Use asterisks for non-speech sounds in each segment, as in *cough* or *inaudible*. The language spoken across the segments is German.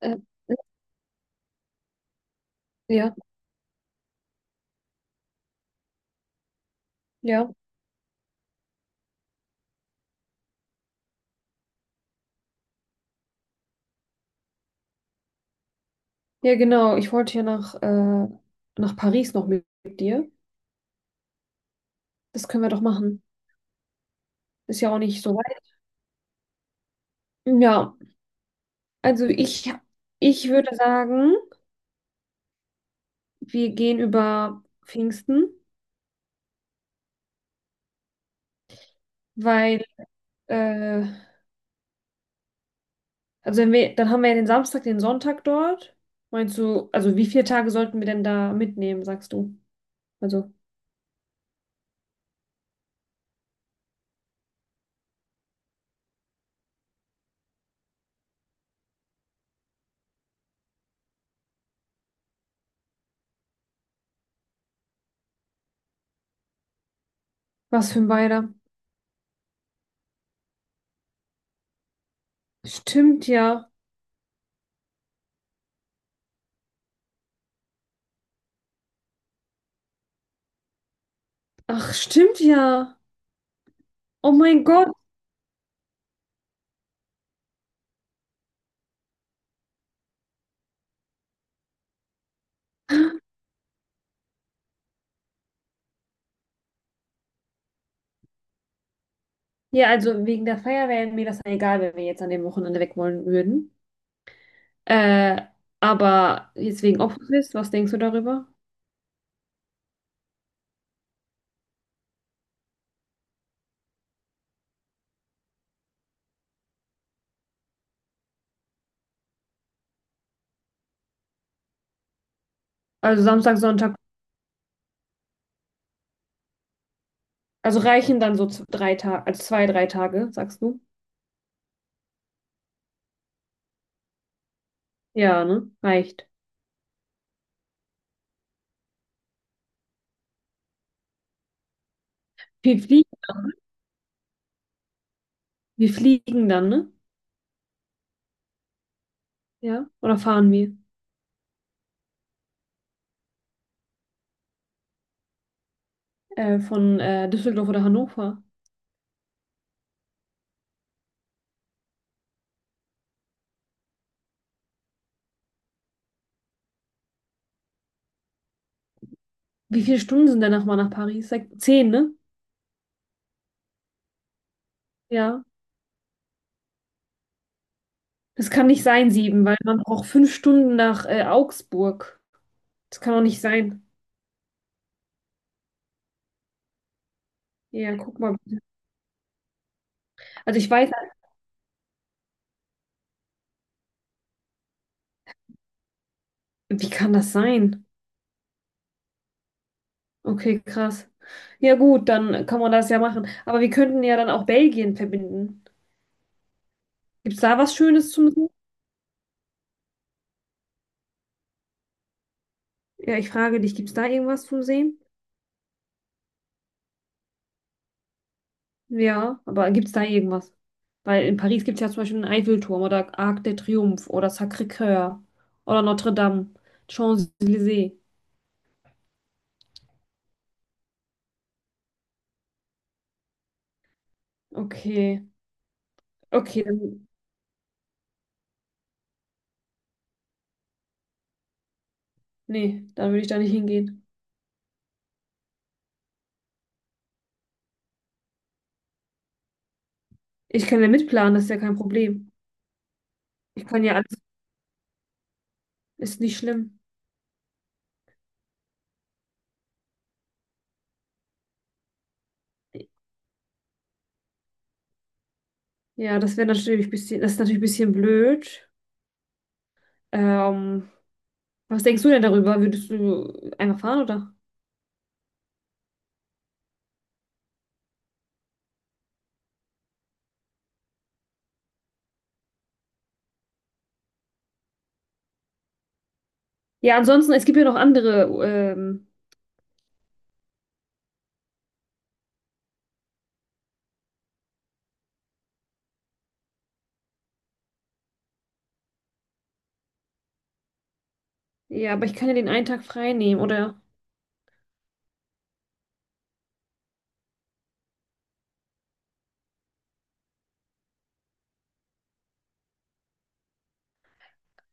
Äh, ja, ja. Ja, genau. Ich wollte ja nach Paris noch mit dir. Das können wir doch machen. Ist ja auch nicht so weit. Ja, also ich würde sagen, wir gehen über Pfingsten, weil, äh, also wenn wir, dann haben wir ja den Samstag, den Sonntag dort. Meinst du, also wie viele Tage sollten wir denn da mitnehmen, sagst du? Also, was für ein Beider? Stimmt ja. Ach, stimmt ja. Oh mein Gott. Ja, also wegen der Feier wäre mir das egal, wenn wir jetzt an dem Wochenende weg wollen würden. Äh, aber jetzt wegen Opferfest, was denkst du darüber? Also Samstag, Sonntag, also reichen dann so drei Tage, also 2, 3 Tage, sagst du? Ja, ne? Reicht. Wir fliegen, Wir fliegen dann, ne? Ja. Oder fahren wir? Von Düsseldorf oder Hannover. Wie viele Stunden sind denn nochmal nach Paris? Sag, zehn, ne? Ja. Das kann nicht sein, sieben, weil man braucht 5 Stunden nach Augsburg. Das kann doch nicht sein. Ja, guck mal. Also ich weiß, halt, wie kann das sein? Okay, krass. Ja gut, dann kann man das ja machen. Aber wir könnten ja dann auch Belgien verbinden. Gibt es da was Schönes zum Sehen? Ja, ich frage dich, gibt es da irgendwas zum Sehen? Ja, aber gibt es da irgendwas? Weil in Paris gibt es ja zum Beispiel den Eiffelturm oder Arc de Triomphe oder Sacré-Cœur oder Notre-Dame, Champs-Élysées. Okay, okay, dann, nee, dann würde ich da nicht hingehen. Ich kann ja mitplanen, das ist ja kein Problem. Ich kann ja alles, ist nicht schlimm. Ja, das wäre natürlich ein bisschen, das ist natürlich ein bisschen blöd. Ähm, Was denkst du denn darüber? Würdest du einfach fahren oder? Ja, ansonsten, es gibt ja noch andere. Ähm, ja, aber ich kann ja den einen Tag frei nehmen oder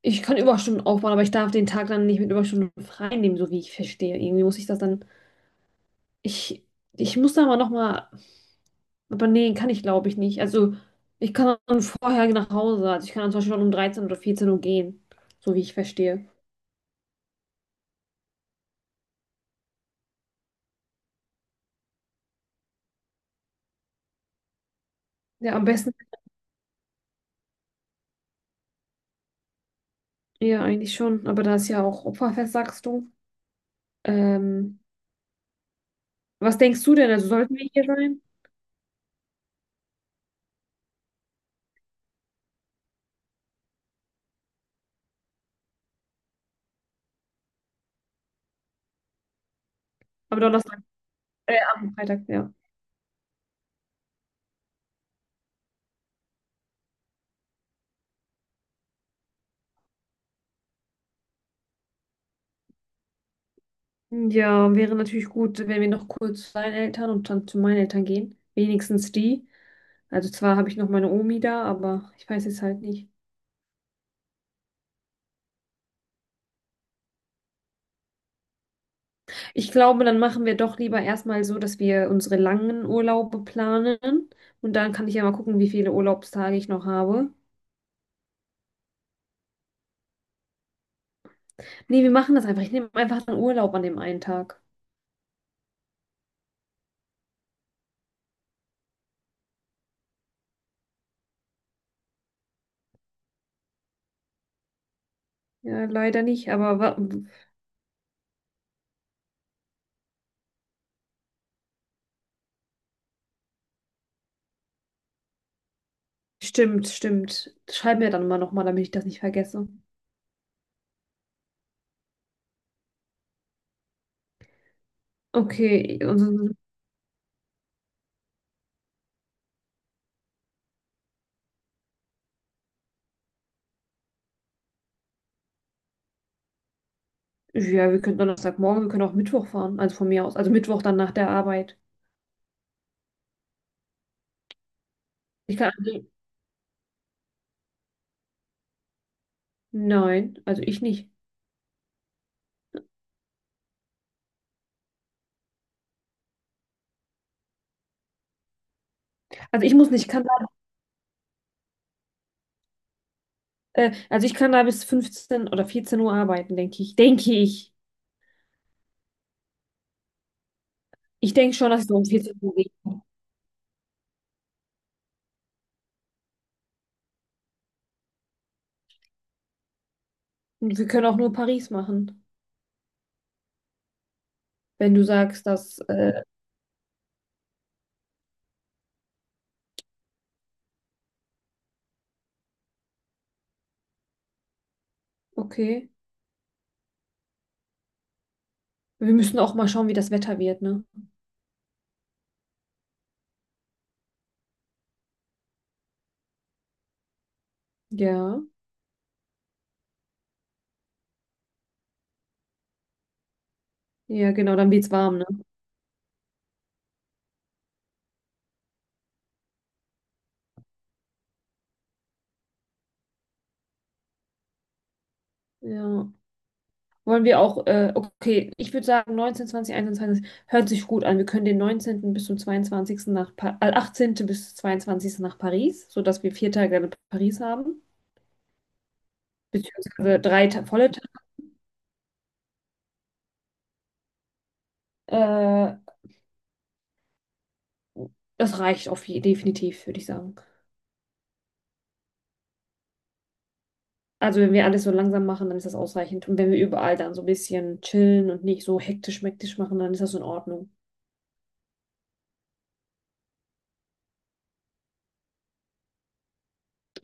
ich kann Überstunden aufbauen, aber ich darf den Tag dann nicht mit Überstunden frei nehmen, so wie ich verstehe. Irgendwie muss ich das dann. Ich, ich muss da mal nochmal. Aber nee, kann ich glaube ich nicht. Also, ich kann dann vorher nach Hause. Also, ich kann dann zum Beispiel schon um 13 oder 14 Uhr gehen, so wie ich verstehe. Ja, am besten. Ja, eigentlich schon. Aber da ist ja auch Opferfest, sagst du. Ähm, Was denkst du denn? Also sollten wir hier sein? Aber Donnerstag, am Freitag, ja. Ja, wäre natürlich gut, wenn wir noch kurz zu deinen Eltern und dann zu meinen Eltern gehen. Wenigstens die. Also zwar habe ich noch meine Omi da, aber ich weiß jetzt halt nicht. Ich glaube, dann machen wir doch lieber erstmal so, dass wir unsere langen Urlaube planen. Und dann kann ich ja mal gucken, wie viele Urlaubstage ich noch habe. Nee, wir machen das einfach. Ich nehme einfach einen Urlaub an dem einen Tag. Ja, leider nicht, aber wa. Stimmt, stimmt. Schreib mir dann mal nochmal, damit ich das nicht vergesse. Okay, und, so, ja, wir können Donnerstagmorgen, wir können auch Mittwoch fahren, also von mir aus. Also Mittwoch dann nach der Arbeit. Ich kann, also, nein, also ich nicht. Also ich muss nicht, ich kann da, also ich kann da bis 15 oder 14 Uhr arbeiten, denke ich. Denke ich. Ich denke schon, dass ich so um 14 Uhr gehe. Und wir können auch nur Paris machen, wenn du sagst, dass, okay. Wir müssen auch mal schauen, wie das Wetter wird, ne? Ja, ja, genau, dann wird's warm, ne? Ja. Wollen wir auch, okay, ich würde sagen 19., 20., 21. hört sich gut an. Wir können den 19. bis zum 22. nach, pa 18. bis 22. nach Paris, sodass wir 4 Tage in Paris haben, beziehungsweise drei Ta volle Tage. Äh, Das reicht auf je definitiv, würde ich sagen. Also wenn wir alles so langsam machen, dann ist das ausreichend. Und wenn wir überall dann so ein bisschen chillen und nicht so hektisch-mektisch machen, dann ist das in Ordnung.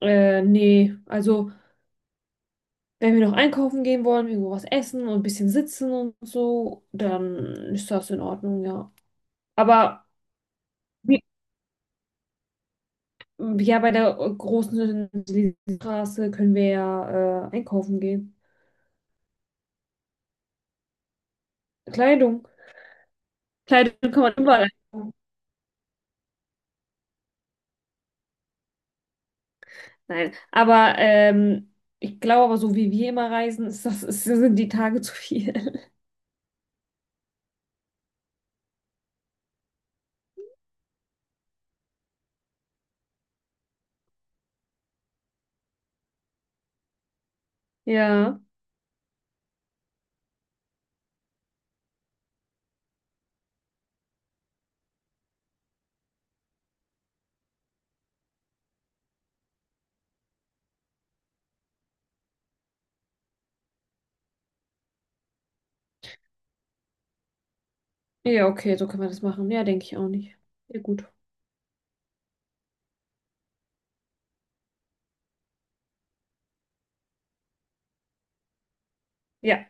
Nee, also. Wenn wir noch einkaufen gehen wollen, irgendwo was essen und ein bisschen sitzen und so, dann ist das in Ordnung, ja. Aber wie- ja, bei der großen Straße können wir ja einkaufen gehen. Kleidung. Kleidung kann man überall einkaufen. Nein, aber ich glaube aber, so wie wir immer reisen, ist das, ist, sind die Tage zu viel. *laughs* Ja. Ja, okay, so können wir das machen. Ja, denke ich auch nicht. Ja, gut. Ja.